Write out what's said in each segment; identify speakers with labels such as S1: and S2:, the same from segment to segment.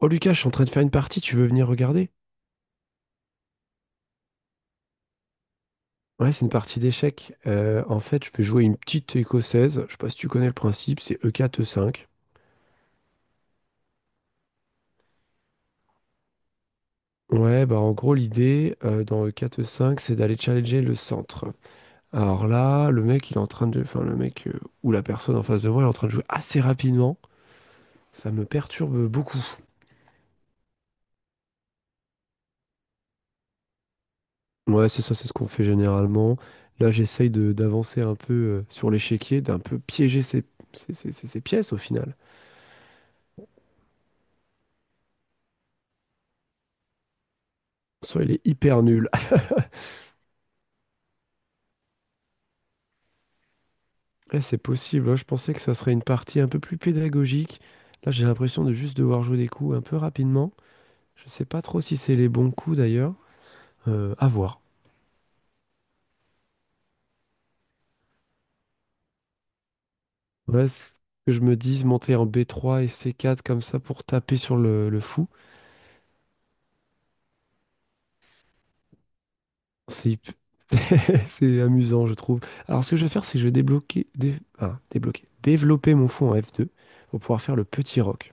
S1: Oh Lucas, je suis en train de faire une partie, tu veux venir regarder? Ouais, c'est une partie d'échecs. En fait, je vais jouer une petite écossaise. Je sais pas si tu connais le principe, c'est E4, E5. Ouais, bah en gros, l'idée dans E4, E5, c'est d'aller challenger le centre. Alors là, le mec, il est en train de. Enfin, le mec ou la personne en face de moi, il est en train de jouer assez rapidement. Ça me perturbe beaucoup. Ouais, c'est ça, c'est ce qu'on fait généralement. Là, j'essaye d'avancer un peu sur l'échiquier, d'un peu piéger ses pièces au final. Soit il est hyper nul. Eh, c'est possible, hein. Je pensais que ça serait une partie un peu plus pédagogique. Là, j'ai l'impression de juste devoir jouer des coups un peu rapidement. Je sais pas trop si c'est les bons coups d'ailleurs. À voir. Voilà ce que je me dis, monter en B3 et C4 comme ça pour taper sur le fou. C'est hip- c'est amusant, je trouve. Alors, ce que je vais faire, c'est que je vais débloquer, dé- ah, débloquer, développer mon fou en F2 pour pouvoir faire le petit roc.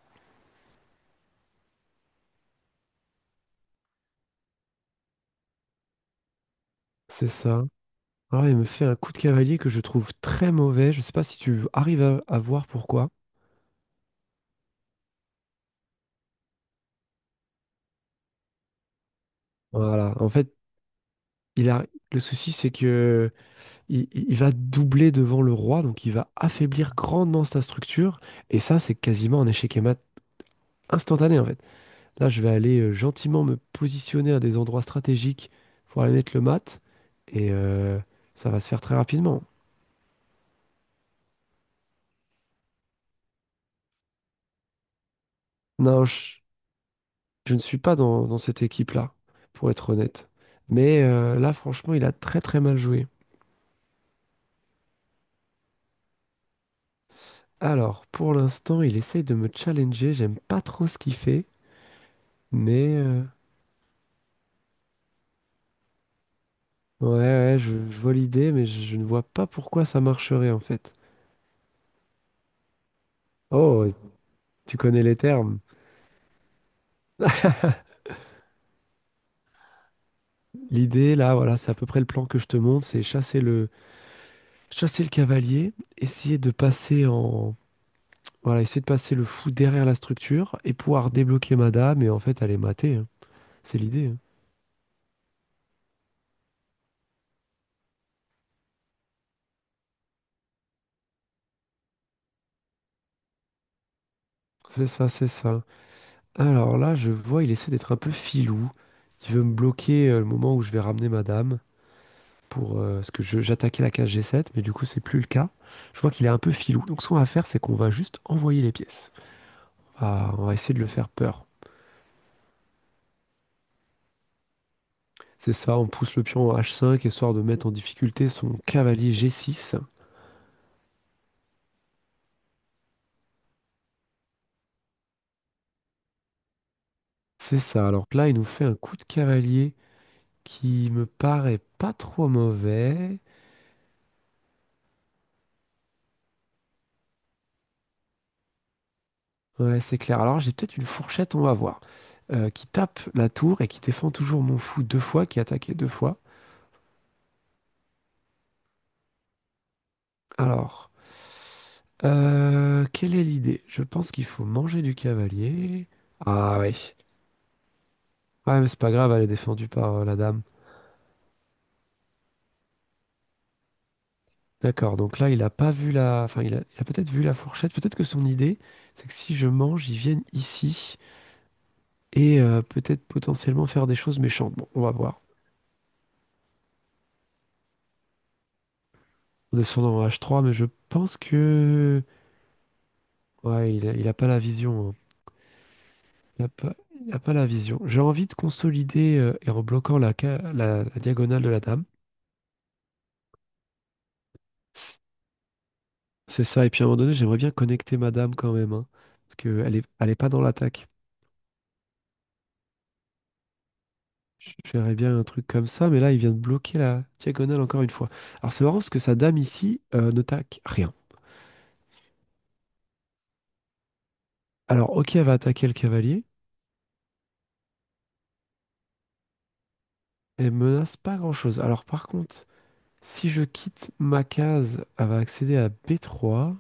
S1: C'est ça. Alors, il me fait un coup de cavalier que je trouve très mauvais. Je sais pas si tu arrives à voir pourquoi. Voilà. En fait, il a... le souci, c'est que il va doubler devant le roi, donc il va affaiblir grandement sa structure. Et ça, c'est quasiment un échec et mat instantané, en fait. Là, je vais aller gentiment me positionner à des endroits stratégiques pour aller mettre le mat. Et ça va se faire très rapidement. Non, je ne suis pas dans cette équipe-là, pour être honnête. Mais là, franchement, il a très très mal joué. Alors, pour l'instant, il essaye de me challenger. J'aime pas trop ce qu'il fait, mais... euh, Ouais, ouais, je vois l'idée, mais je ne vois pas pourquoi ça marcherait en fait. Oh, tu connais les termes. L'idée, là, voilà, c'est à peu près le plan que je te montre, c'est chasser le cavalier, essayer de passer en, voilà, essayer de passer le fou derrière la structure et pouvoir débloquer Madame et en fait aller mater, hein. C'est l'idée, hein. C'est ça, c'est ça. Alors là, je vois, il essaie d'être un peu filou. Il veut me bloquer le moment où je vais ramener Madame, pour parce que je- j'attaquais la case G7, mais du coup c'est plus le cas. Je vois qu'il est un peu filou. Donc ce qu'on va faire, c'est qu'on va juste envoyer les pièces. Ah, on va essayer de le faire peur. C'est ça, on pousse le pion en H5 histoire de mettre en difficulté son cavalier G6. C'est ça. Alors là, il nous fait un coup de cavalier qui me paraît pas trop mauvais. Ouais, c'est clair. Alors j'ai peut-être une fourchette, on va voir, qui tape la tour et qui défend toujours mon fou deux fois, qui attaquait deux fois. Alors, quelle est l'idée? Je pense qu'il faut manger du cavalier. Ah oui. Ouais, mais c'est pas grave, elle est défendue par la dame. D'accord, donc là, il a pas vu. Enfin, il a peut-être vu la fourchette. Peut-être que son idée, c'est que si je mange, ils viennent ici et peut-être potentiellement faire des choses méchantes. Bon, on va voir. On est sur dans H3, mais je pense Ouais, il a pas la vision, hein. Il a pas, il a pas la vision. J'ai envie de consolider et en bloquant la diagonale de la dame. C'est ça. Et puis à un moment donné, j'aimerais bien connecter Madame quand même, hein, parce qu'elle est pas dans l'attaque. Je bien un truc comme ça, mais là, il vient de bloquer la diagonale encore une fois. Alors c'est marrant parce que sa dame ici ne taque rien. Alors ok, elle va attaquer le cavalier, elle menace pas grand-chose. Alors par contre, si je quitte ma case, elle va accéder à B3,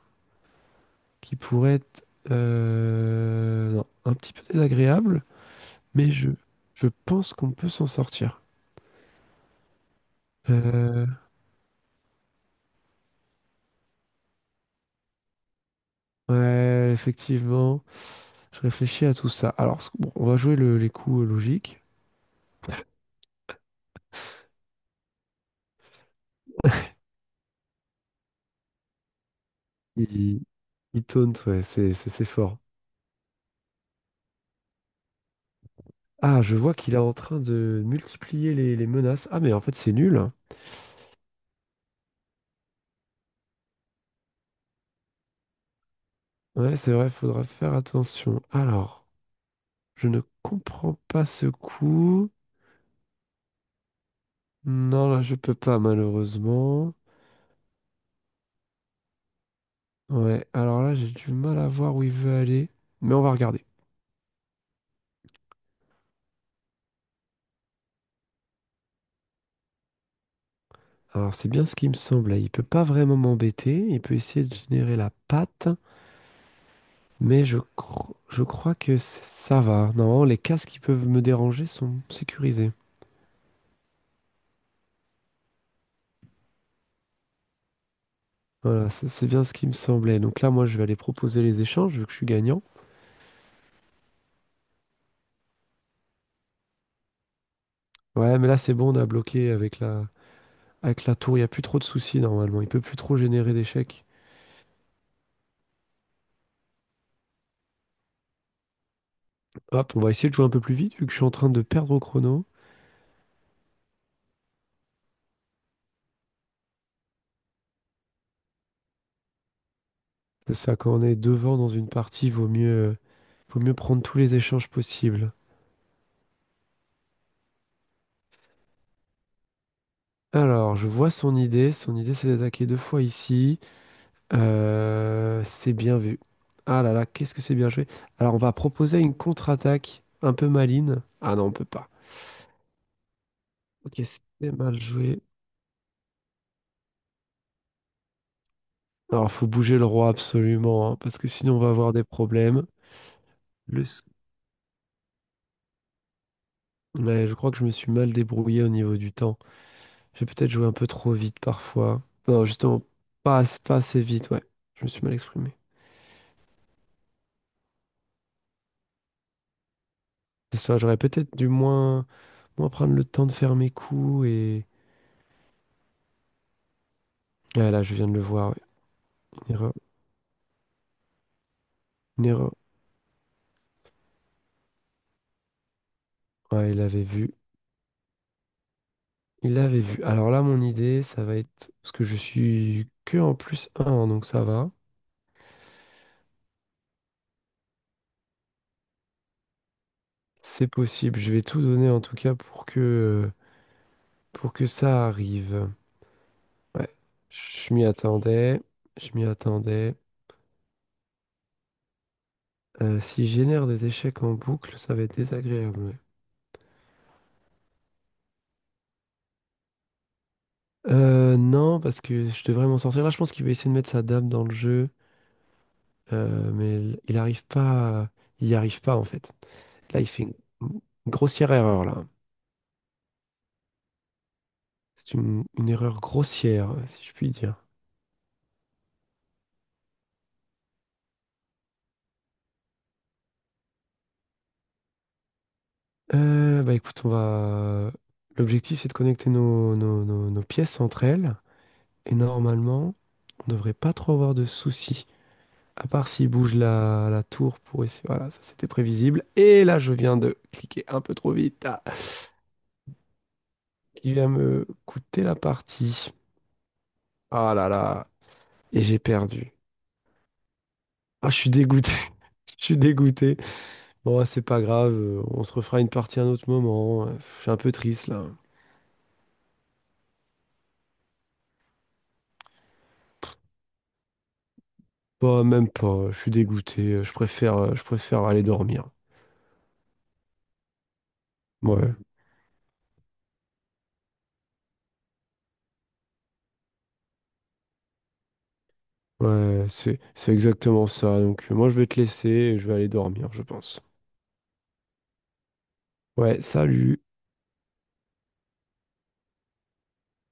S1: qui pourrait être non, un petit peu désagréable, mais je pense qu'on peut s'en sortir. Euh, ouais, effectivement. Je réfléchis à tout ça. Alors, bon, on va jouer les coups logiques. Il, il taunt, ouais, c'est fort. Ah, je vois qu'il est en train de multiplier les menaces. Ah, mais en fait, c'est nul. Ouais, c'est vrai, faudra faire attention. Alors, je ne comprends pas ce coup. Non, là, je peux pas, malheureusement. Ouais, alors là, j'ai du mal à voir où il veut aller. Mais on va regarder. Alors, c'est bien ce qui me semble, là. Il peut pas vraiment m'embêter. Il peut essayer de générer la patte. Mais je crois que ça va. Normalement, les casques qui peuvent me déranger sont sécurisés. Voilà, ça, c'est bien ce qui me semblait. Donc là, moi, je vais aller proposer les échanges, vu que je suis gagnant. Ouais, mais là, c'est bon, on a bloqué avec la, tour. Il n'y a plus trop de soucis, normalement. Il peut plus trop générer d'échecs. Hop, on va essayer de jouer un peu plus vite, vu que je suis en train de perdre au chrono. C'est ça, quand on est devant dans une partie, vaut mieux prendre tous les échanges possibles. Alors, je vois son idée. Son idée, c'est d'attaquer deux fois ici. C'est bien vu. Ah là là, qu'est-ce que c'est bien joué. Alors, on va proposer une contre-attaque un peu maligne. Ah non, on peut pas. Ok, c'était mal joué. Alors, faut bouger le roi absolument, hein, parce que sinon on va avoir des problèmes. Le... s- Ouais, je crois que je me suis mal débrouillé au niveau du temps. J'ai peut-être joué un peu trop vite parfois. Non, justement, pas assez vite, ouais. Je me suis mal exprimé. C'est ça, j'aurais peut-être dû moins prendre le temps de faire mes coups Ah là, je viens de le voir, ouais. Une erreur. Une erreur. Ouais, il avait vu. Il l'avait vu. Alors là, mon idée, ça va être, parce que je suis que en plus un, hein, donc ça va. C'est possible. Je vais tout donner en tout cas pour que ça arrive. Ouais. Je m'y attendais. Je m'y attendais. Si je génère des échecs en boucle, ça va être désagréable, ouais. Non, parce que je devrais m'en sortir. Là, je pense qu'il va essayer de mettre sa dame dans le jeu, mais il arrive pas. Il n'y arrive pas en fait. Là, il fait une grossière erreur là. C'est une erreur grossière, si je puis dire. Bah écoute, on va. L'objectif, c'est de connecter nos pièces entre elles. Et normalement, on devrait pas trop avoir de soucis. À part s'ils bougent la tour pour essayer. Voilà, ça c'était prévisible. Et là, je viens de cliquer un peu trop vite. Ah, qui vient me coûter la partie. Ah là là. Et j'ai perdu. Ah, je suis dégoûté. Je suis dégoûté. Bon, c'est pas grave. On se refera une partie à un autre moment. Je suis un peu triste là. Bah, même pas, je suis dégoûté, je préfère aller dormir. Ouais, ouais, c'est exactement ça. Donc, moi, je vais te laisser et je vais aller dormir, je pense. Ouais, salut.